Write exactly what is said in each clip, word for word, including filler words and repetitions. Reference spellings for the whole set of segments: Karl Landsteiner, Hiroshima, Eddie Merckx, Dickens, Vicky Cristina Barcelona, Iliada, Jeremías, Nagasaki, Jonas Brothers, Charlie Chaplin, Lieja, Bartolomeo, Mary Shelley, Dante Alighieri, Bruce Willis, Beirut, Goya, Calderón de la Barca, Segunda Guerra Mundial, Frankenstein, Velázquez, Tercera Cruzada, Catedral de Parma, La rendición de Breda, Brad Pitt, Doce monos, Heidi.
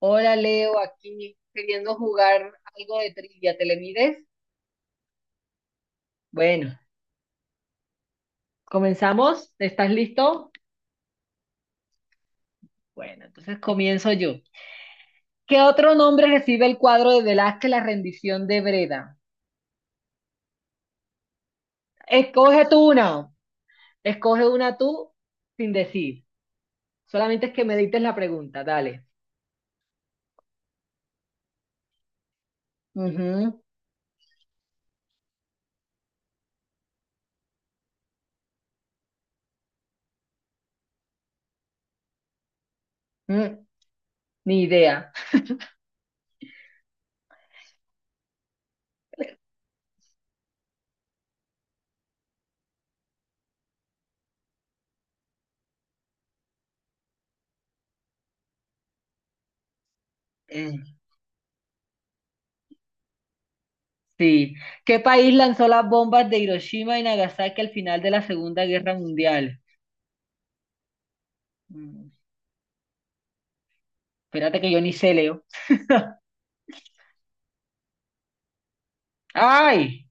Hola Leo, aquí queriendo jugar algo de trivia. ¿Te le mides? Bueno, comenzamos. ¿Estás listo? Bueno, entonces comienzo yo. ¿Qué otro nombre recibe el cuadro de Velázquez, La rendición de Breda? Escoge tú una. Escoge una tú sin decir. Solamente es que me dites la pregunta. Dale. Ujú. Mm, Ni idea. Eh, sí. ¿Qué país lanzó las bombas de Hiroshima y Nagasaki al final de la Segunda Guerra Mundial? Mm, Espérate que yo ni sé, Leo. Ay,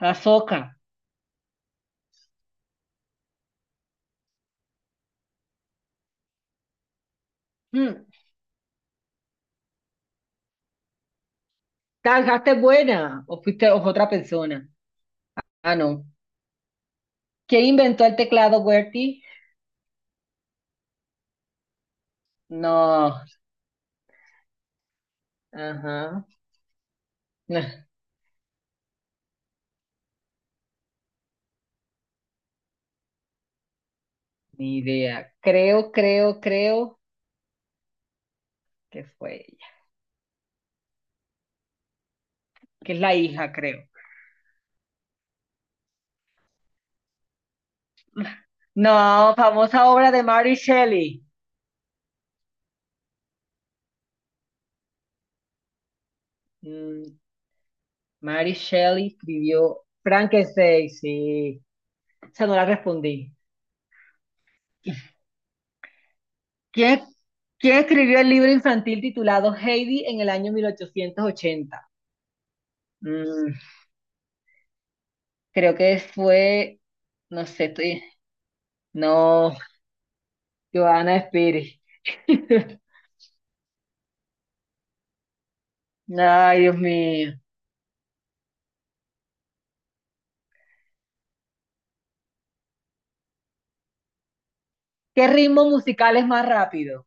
Azoka. Mm, ¿La buena o fuiste o- otra persona? Ah, no. ¿Quién inventó el teclado, Bertie? No. Ajá. No, ni idea. Creo, creo, creo que fue ella. Que es la hija, creo. No, famosa obra de Mary Shelley. Mm, Mary Shelley escribió Frankenstein, sí. Esa no la respondí. ¿Quién, quién escribió el libro infantil titulado Heidi en el año mil ochocientos ochenta? Mm, creo que fue, no sé, estoy- no, Joana Pérez. Ay, Dios mío. ¿Qué ritmo musical es más rápido?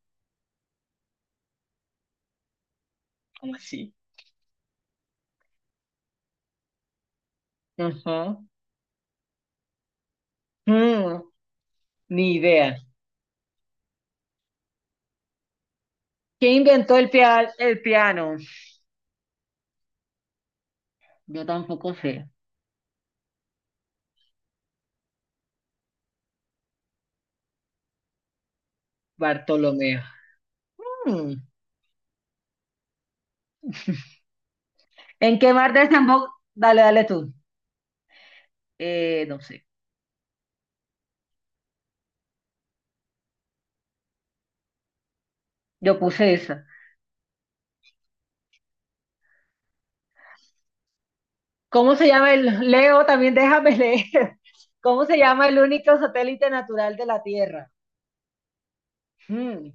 ¿Cómo así? Ajá. Mm, ni idea. ¿Quién inventó el, pia- el piano? Yo tampoco sé. Bartolomeo. Mm. ¿En qué mar desemboca? Dale, dale tú. Eh, no sé. Yo puse esa. ¿Cómo se llama el... Leo, también déjame leer. ¿Cómo se llama el único satélite natural de la Tierra? Mm,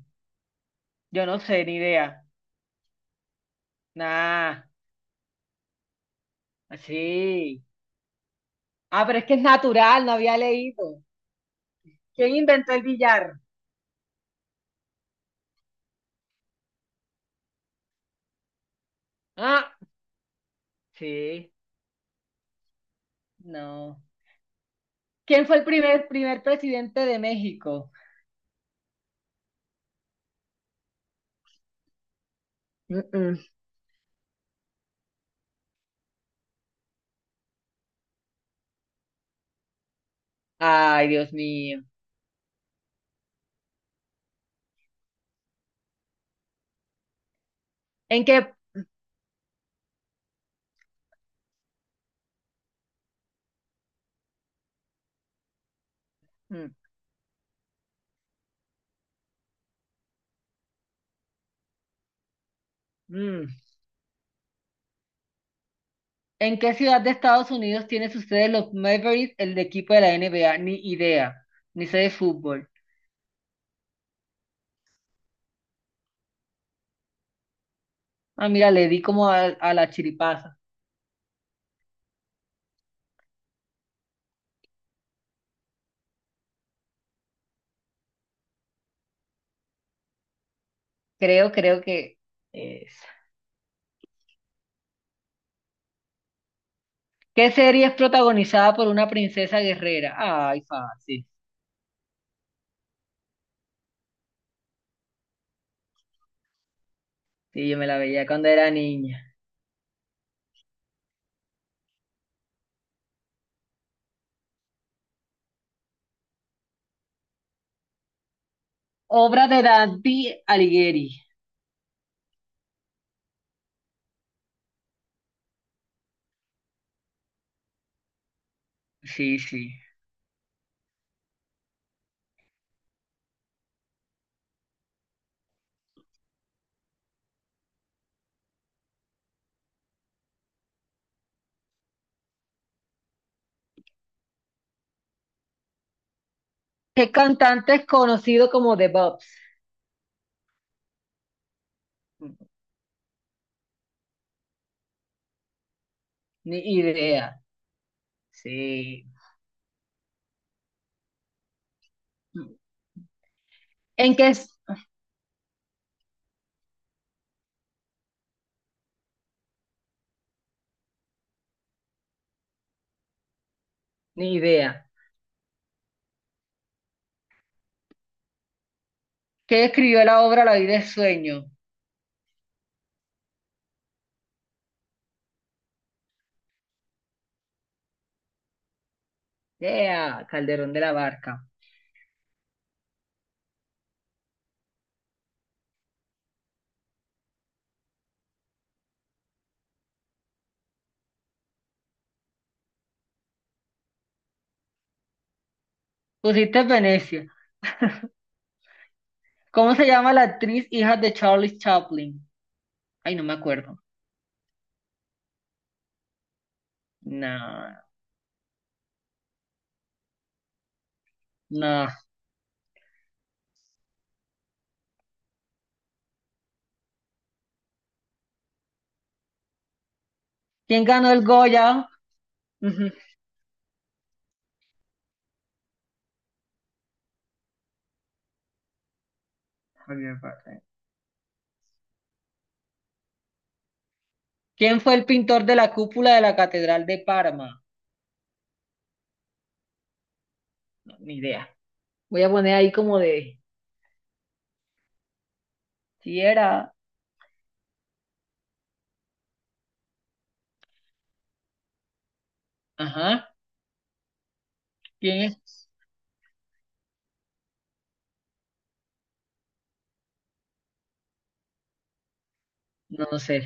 yo no sé, ni idea. Nah, así. Ah, pero es que es natural, no había leído. ¿Quién inventó el billar? Ah, sí, no. ¿Quién fue el primer, primer presidente de México? Mm, mm. Ay, Dios mío. ¿En qué, mm, mm. ¿En qué ciudad de Estados Unidos tiene su sede los Mavericks, el equipo de la N B A? Ni idea, ni sé de fútbol. Ah, mira, le di como a, a la chiripaza. Creo, creo que... es. ¿Qué serie es protagonizada por una princesa guerrera? Ay, fácil. Sí, yo me la veía cuando era niña. Obra de Dante Alighieri. Sí, sí. ¿Qué cantante es conocido como The Bobs? Ni idea. Sí. ¿En qué es? Ni idea. ¿Qué escribió la obra La vida es sueño? Yeah, Calderón de la Barca. Pusiste Venecia. ¿Cómo se llama la actriz hija de Charlie Chaplin? Ay, no me acuerdo. No, no. ¿Quién ganó el Goya? Ujú. Muy bien, Farfán. ¿Quién fue el pintor de la cúpula de la Catedral de Parma? No, ni idea. Voy a poner ahí como de. Si era. Ajá. ¿Quién es? No no sé.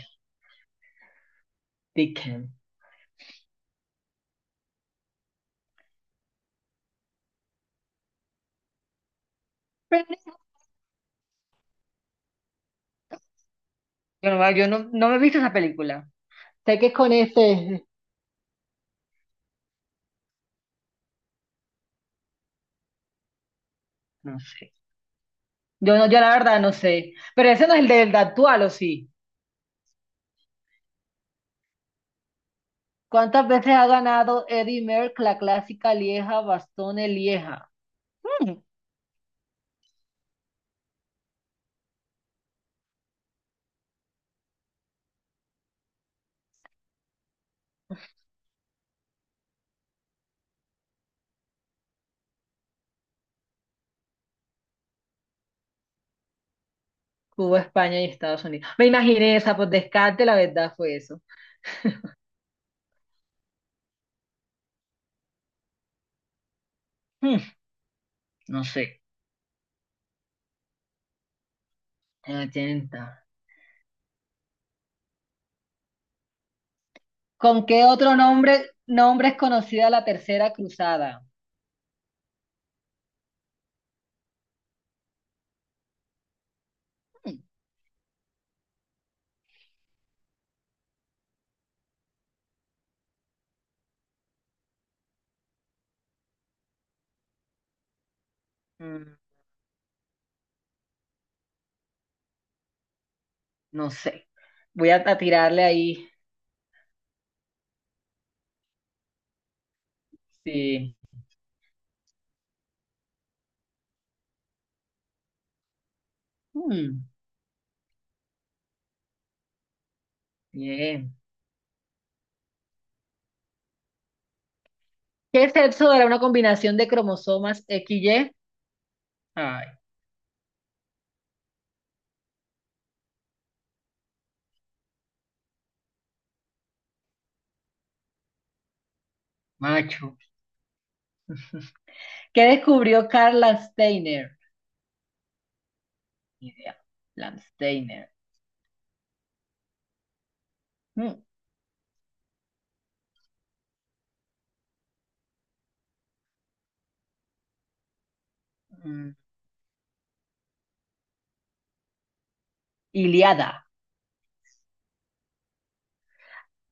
Dickens. Yo no, yo no, no me he visto esa película. Sé que es con este. No sé. Yo no, yo la verdad no sé. Pero ese no es el del actual, ¿o sí? ¿Cuántas veces ha ganado Eddie Merckx la clásica Lieja, Bastones Lieja? Mm. Cuba, España y Estados Unidos. Me imaginé esa, por descarte, la verdad fue eso. Mm. No sé, en el ochenta. ¿Con qué otro nombre, nombre es conocida la Tercera Cruzada? Mm, no sé. Voy a, a tirarle ahí. Sí. Mm, bien. ¿Qué sexo era una combinación de cromosomas X Y? Ay, macho. ¿Qué descubrió Karl Landsteiner? Ni idea. Landsteiner. Mm, Mm, Iliada.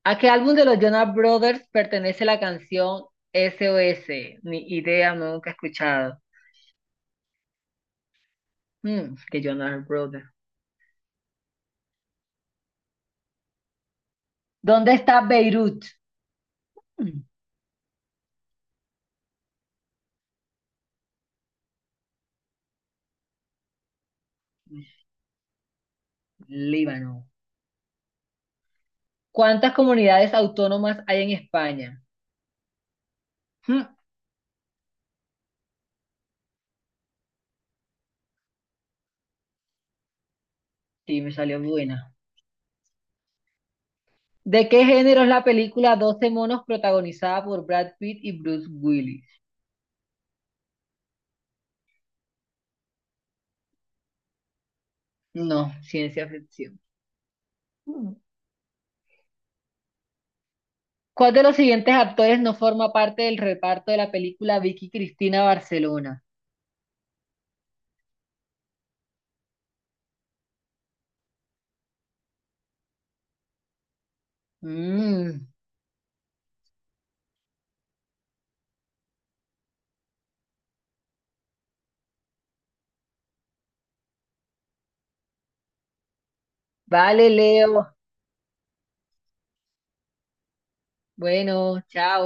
¿A qué álbum de los Jonas Brothers pertenece la canción S O S? Ni idea, nunca he escuchado. Mm, que yo no era el brother. ¿Dónde está Beirut? Mm. Líbano. ¿Cuántas comunidades autónomas hay en España? Mm, sí, me salió buena. ¿De qué género es la película Doce monos protagonizada por Brad Pitt y Bruce Willis? No, ciencia ficción. Mm. ¿Cuál de los siguientes actores no forma parte del reparto de la película Vicky Cristina Barcelona? Mm, Vale, Leo. Bueno, chao.